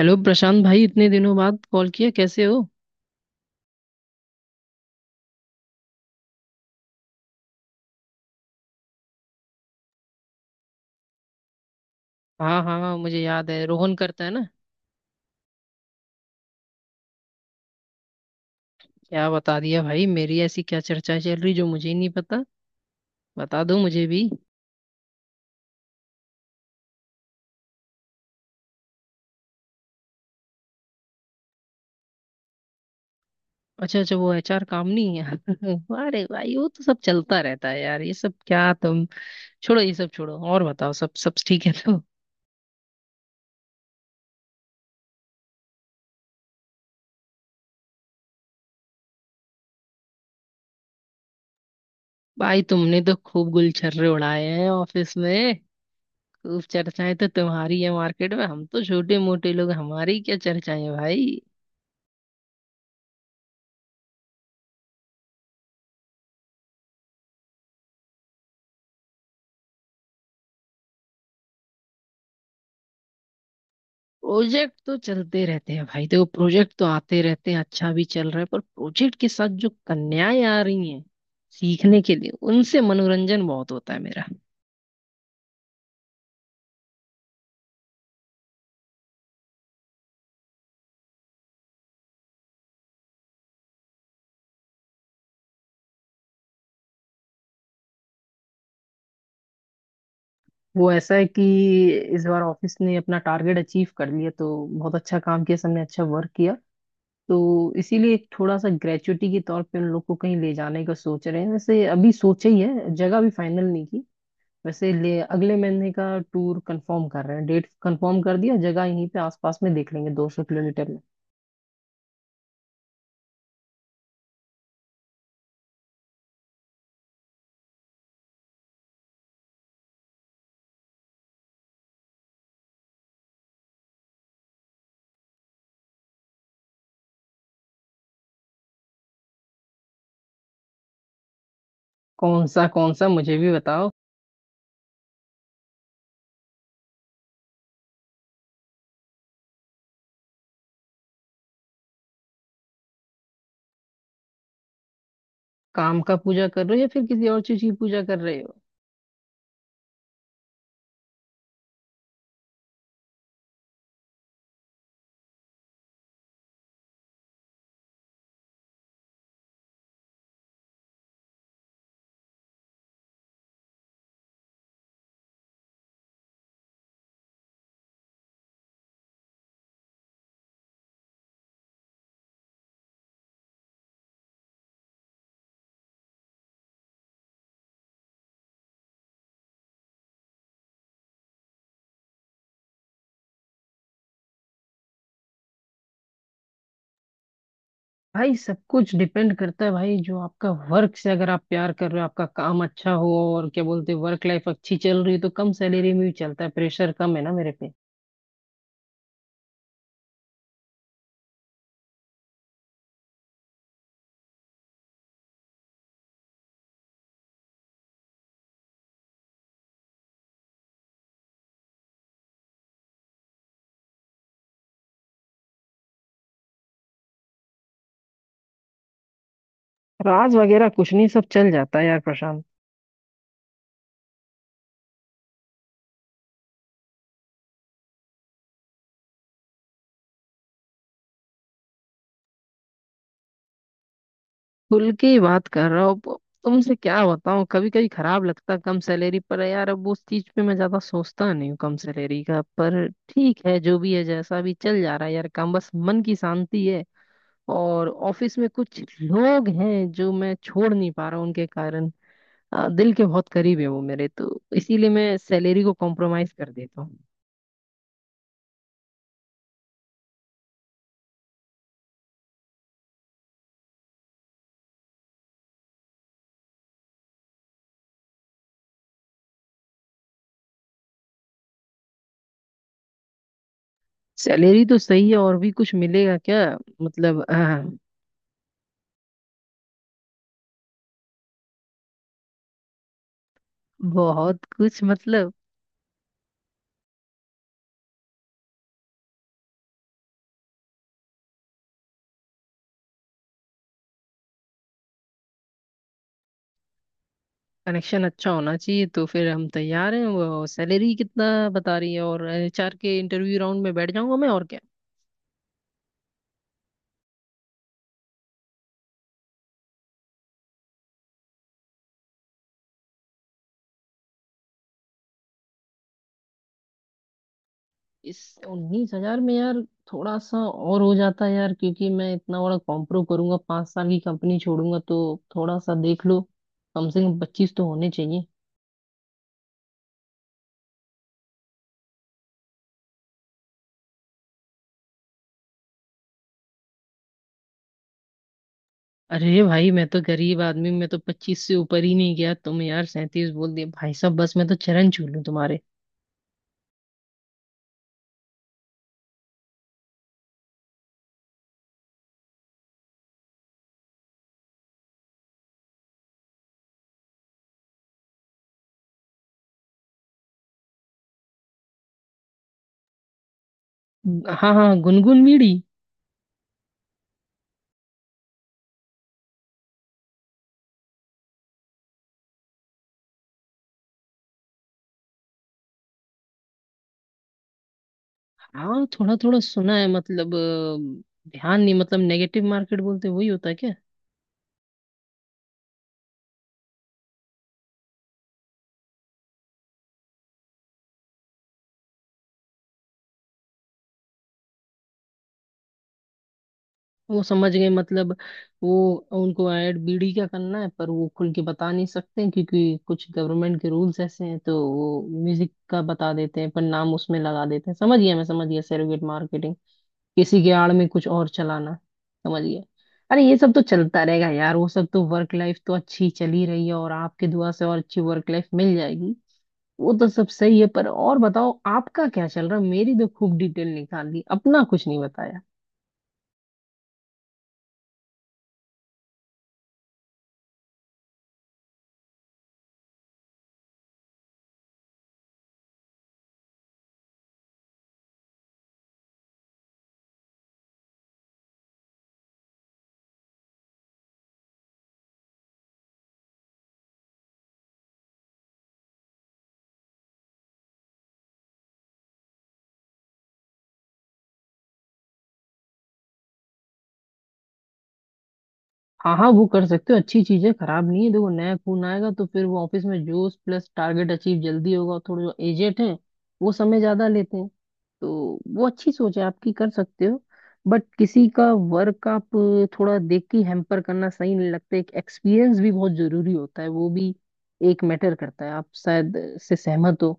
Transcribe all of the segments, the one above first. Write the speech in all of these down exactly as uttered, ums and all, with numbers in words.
Hello Prashant भाई इतने दिनों बाद कॉल किया कैसे हो। हाँ हाँ मुझे याद है रोहन करता है ना। क्या बता दिया भाई, मेरी ऐसी क्या चर्चा चल रही जो मुझे ही नहीं पता। बता दो मुझे भी। अच्छा अच्छा वो एचआर काम नहीं है अरे भाई वो तो सब चलता रहता है यार, ये सब क्या तुम, छोड़ो ये सब छोड़ो और बताओ, सब सब ठीक है तो। भाई तुमने तो खूब गुलछर्रे उड़ाए हैं ऑफिस में, खूब चर्चाएं तो तुम्हारी है मार्केट में, हम तो छोटे मोटे लोग, हमारी क्या चर्चाएं भाई। प्रोजेक्ट तो चलते रहते हैं भाई, देखो प्रोजेक्ट तो आते रहते हैं, अच्छा भी चल रहा है, पर प्रोजेक्ट के साथ जो कन्याएं आ रही हैं सीखने के लिए, उनसे मनोरंजन बहुत होता है मेरा। वो ऐसा है कि इस बार ऑफिस ने अपना टारगेट अचीव कर लिया, तो बहुत अच्छा काम किया सबने, अच्छा वर्क किया, तो इसीलिए एक थोड़ा सा ग्रेचुटी के तौर पे उन लोग को कहीं ले जाने का सोच रहे हैं। वैसे अभी सोचा ही है, जगह भी फाइनल नहीं की। वैसे ले अगले महीने का टूर कंफर्म कर रहे हैं, डेट कंफर्म कर दिया, जगह यहीं पे आसपास में देख लेंगे, दो सौ किलोमीटर। कौन सा कौन सा, मुझे भी बताओ। काम का पूजा कर रहे हो या फिर किसी और चीज की पूजा कर रहे हो? भाई सब कुछ डिपेंड करता है भाई, जो आपका वर्क से, अगर आप प्यार कर रहे हो, आपका काम अच्छा हो और क्या बोलते हैं वर्क लाइफ अच्छी चल रही है, तो कम सैलरी में भी चलता है। प्रेशर कम है ना मेरे पे। राज वगैरह कुछ नहीं, सब चल जाता है यार प्रशांत। खुल के ही बात कर रहा हूँ, प- तुमसे क्या बताऊँ, कभी कभी खराब लगता है कम सैलरी पर यार, अब उस चीज पे मैं ज्यादा सोचता नहीं हूँ कम सैलरी का, पर ठीक है, जो भी है जैसा भी चल जा रहा है यार काम, बस मन की शांति है। और ऑफिस में कुछ लोग हैं जो मैं छोड़ नहीं पा रहा हूं, उनके कारण अ, दिल के बहुत करीब है वो मेरे, तो इसीलिए मैं सैलरी को कॉम्प्रोमाइज कर देता हूँ। सैलरी तो सही है, और भी कुछ मिलेगा क्या? मतलब अ, बहुत कुछ मतलब? कनेक्शन अच्छा होना चाहिए, तो फिर हम तैयार हैं। वो सैलरी कितना बता रही है, और एचआर के इंटरव्यू राउंड में बैठ जाऊंगा मैं, और क्या। इस उन्नीस हजार में यार थोड़ा सा और हो जाता है यार, क्योंकि मैं इतना बड़ा कॉम्प्रो करूंगा, पांच साल की कंपनी छोड़ूंगा, तो थोड़ा सा देख लो, कम से कम पच्चीस तो होने चाहिए। अरे भाई मैं तो गरीब आदमी, मैं तो पच्चीस से ऊपर ही नहीं गया, तुम यार सैंतीस बोल दिए भाई साहब, बस मैं तो चरण छू लूं तुम्हारे। हाँ हाँ गुनगुन बीड़ी। हाँ थोड़ा थोड़ा सुना है, मतलब अ, ध्यान नहीं, मतलब नेगेटिव मार्केट बोलते वही होता है। वो समझ गए मतलब। वो उनको ऐड बीडी का करना है, पर वो खुल के बता नहीं सकते हैं, क्योंकि कुछ गवर्नमेंट के रूल्स ऐसे हैं, तो वो म्यूजिक का बता देते हैं पर नाम उसमें लगा देते हैं। समझ गया, मैं समझ गया, सेरोगेट मार्केटिंग, किसी के आड़ में कुछ और चलाना, समझ गया। अरे ये सब तो चलता रहेगा यार, वो सब तो, वर्क लाइफ तो अच्छी चली रही है, और आपके दुआ से और अच्छी वर्क लाइफ मिल जाएगी। वो तो सब सही है, पर और बताओ आपका क्या चल रहा है, मेरी तो खूब डिटेल निकाल दी, अपना कुछ नहीं बताया। हाँ हाँ वो कर सकते हो, अच्छी चीज है, खराब नहीं है, देखो नया खून आएगा तो फिर वो ऑफिस में जोश प्लस टारगेट अचीव जल्दी होगा, और थोड़े जो एजेट हैं वो समय ज्यादा लेते हैं, तो वो अच्छी सोच है आपकी, कर सकते हो। बट किसी का वर्क आप थोड़ा देख के हैम्पर करना सही नहीं लगता, एक एक्सपीरियंस भी बहुत जरूरी होता है, वो भी एक मैटर करता है। आप शायद से सहमत हो।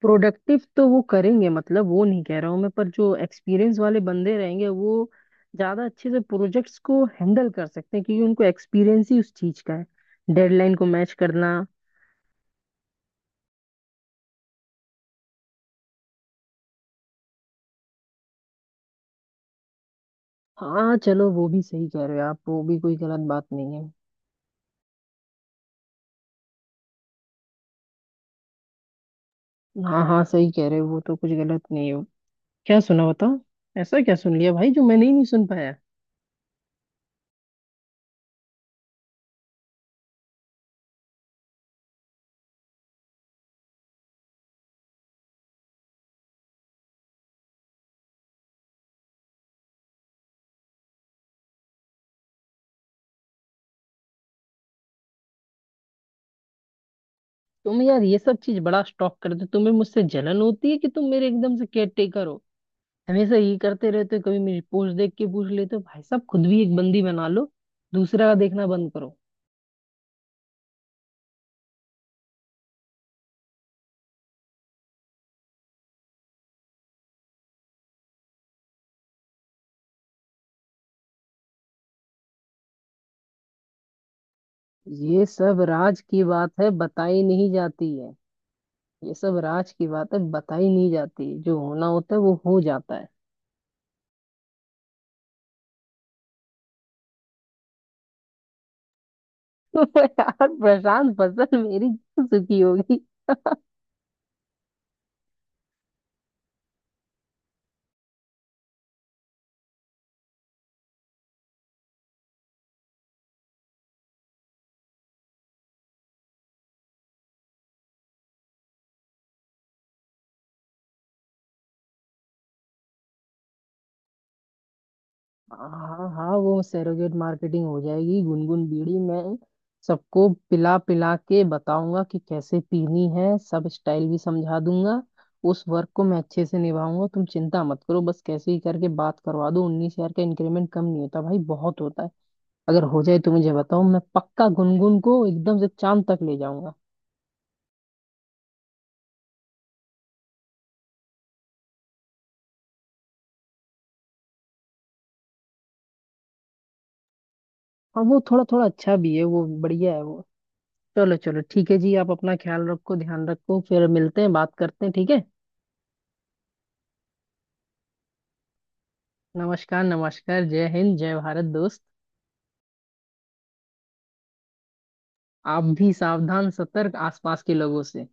प्रोडक्टिव तो वो करेंगे, मतलब वो नहीं कह रहा हूँ मैं, पर जो एक्सपीरियंस वाले बंदे रहेंगे वो ज्यादा अच्छे से प्रोजेक्ट्स को हैंडल कर सकते हैं, क्योंकि उनको एक्सपीरियंस ही उस चीज का है, डेडलाइन को मैच करना। हाँ चलो, वो भी सही कह रहे हो आप, वो भी कोई गलत बात नहीं है। हाँ हाँ सही कह रहे हो, वो तो कुछ गलत नहीं हो। क्या सुना बताओ? ऐसा क्या सुन लिया भाई जो मैंने ही नहीं सुन पाया? तुम यार ये सब चीज बड़ा स्टॉक करते हो। तुम्हें मुझसे जलन होती है कि तुम मेरे एकदम से केयर टेकर हो, हमेशा ये करते रहते हो, कभी मेरी पोस्ट देख के पूछ लेते हो। भाई साहब खुद भी एक बंदी बना लो, दूसरा का देखना बंद करो। ये सब राज की बात है, बताई नहीं जाती है। ये सब राज की बात है, बताई नहीं जाती, जो होना होता है वो हो जाता है। यार प्रशांत, फसल मेरी क्यों सुखी होगी। हाँ हाँ वो सेरोगेट मार्केटिंग हो जाएगी गुनगुन बीड़ी में, सबको पिला पिला के बताऊंगा कि कैसे पीनी है, सब स्टाइल भी समझा दूंगा, उस वर्क को मैं अच्छे से निभाऊंगा। तुम चिंता मत करो, बस कैसे ही करके बात करवा दो, उन्नीस हजार का इंक्रीमेंट कम नहीं होता भाई, बहुत होता है। अगर हो जाए तो मुझे बताओ, मैं पक्का गुनगुन को एकदम से चांद तक ले जाऊंगा। और वो थोड़ा थोड़ा अच्छा भी है, वो बढ़िया है वो। चलो चलो ठीक है जी, आप अपना ख्याल रखो, ध्यान रखो, फिर मिलते हैं, बात करते हैं, ठीक है। नमस्कार नमस्कार, जय हिंद जय भारत दोस्त। आप भी सावधान सतर्क, आसपास के लोगों से।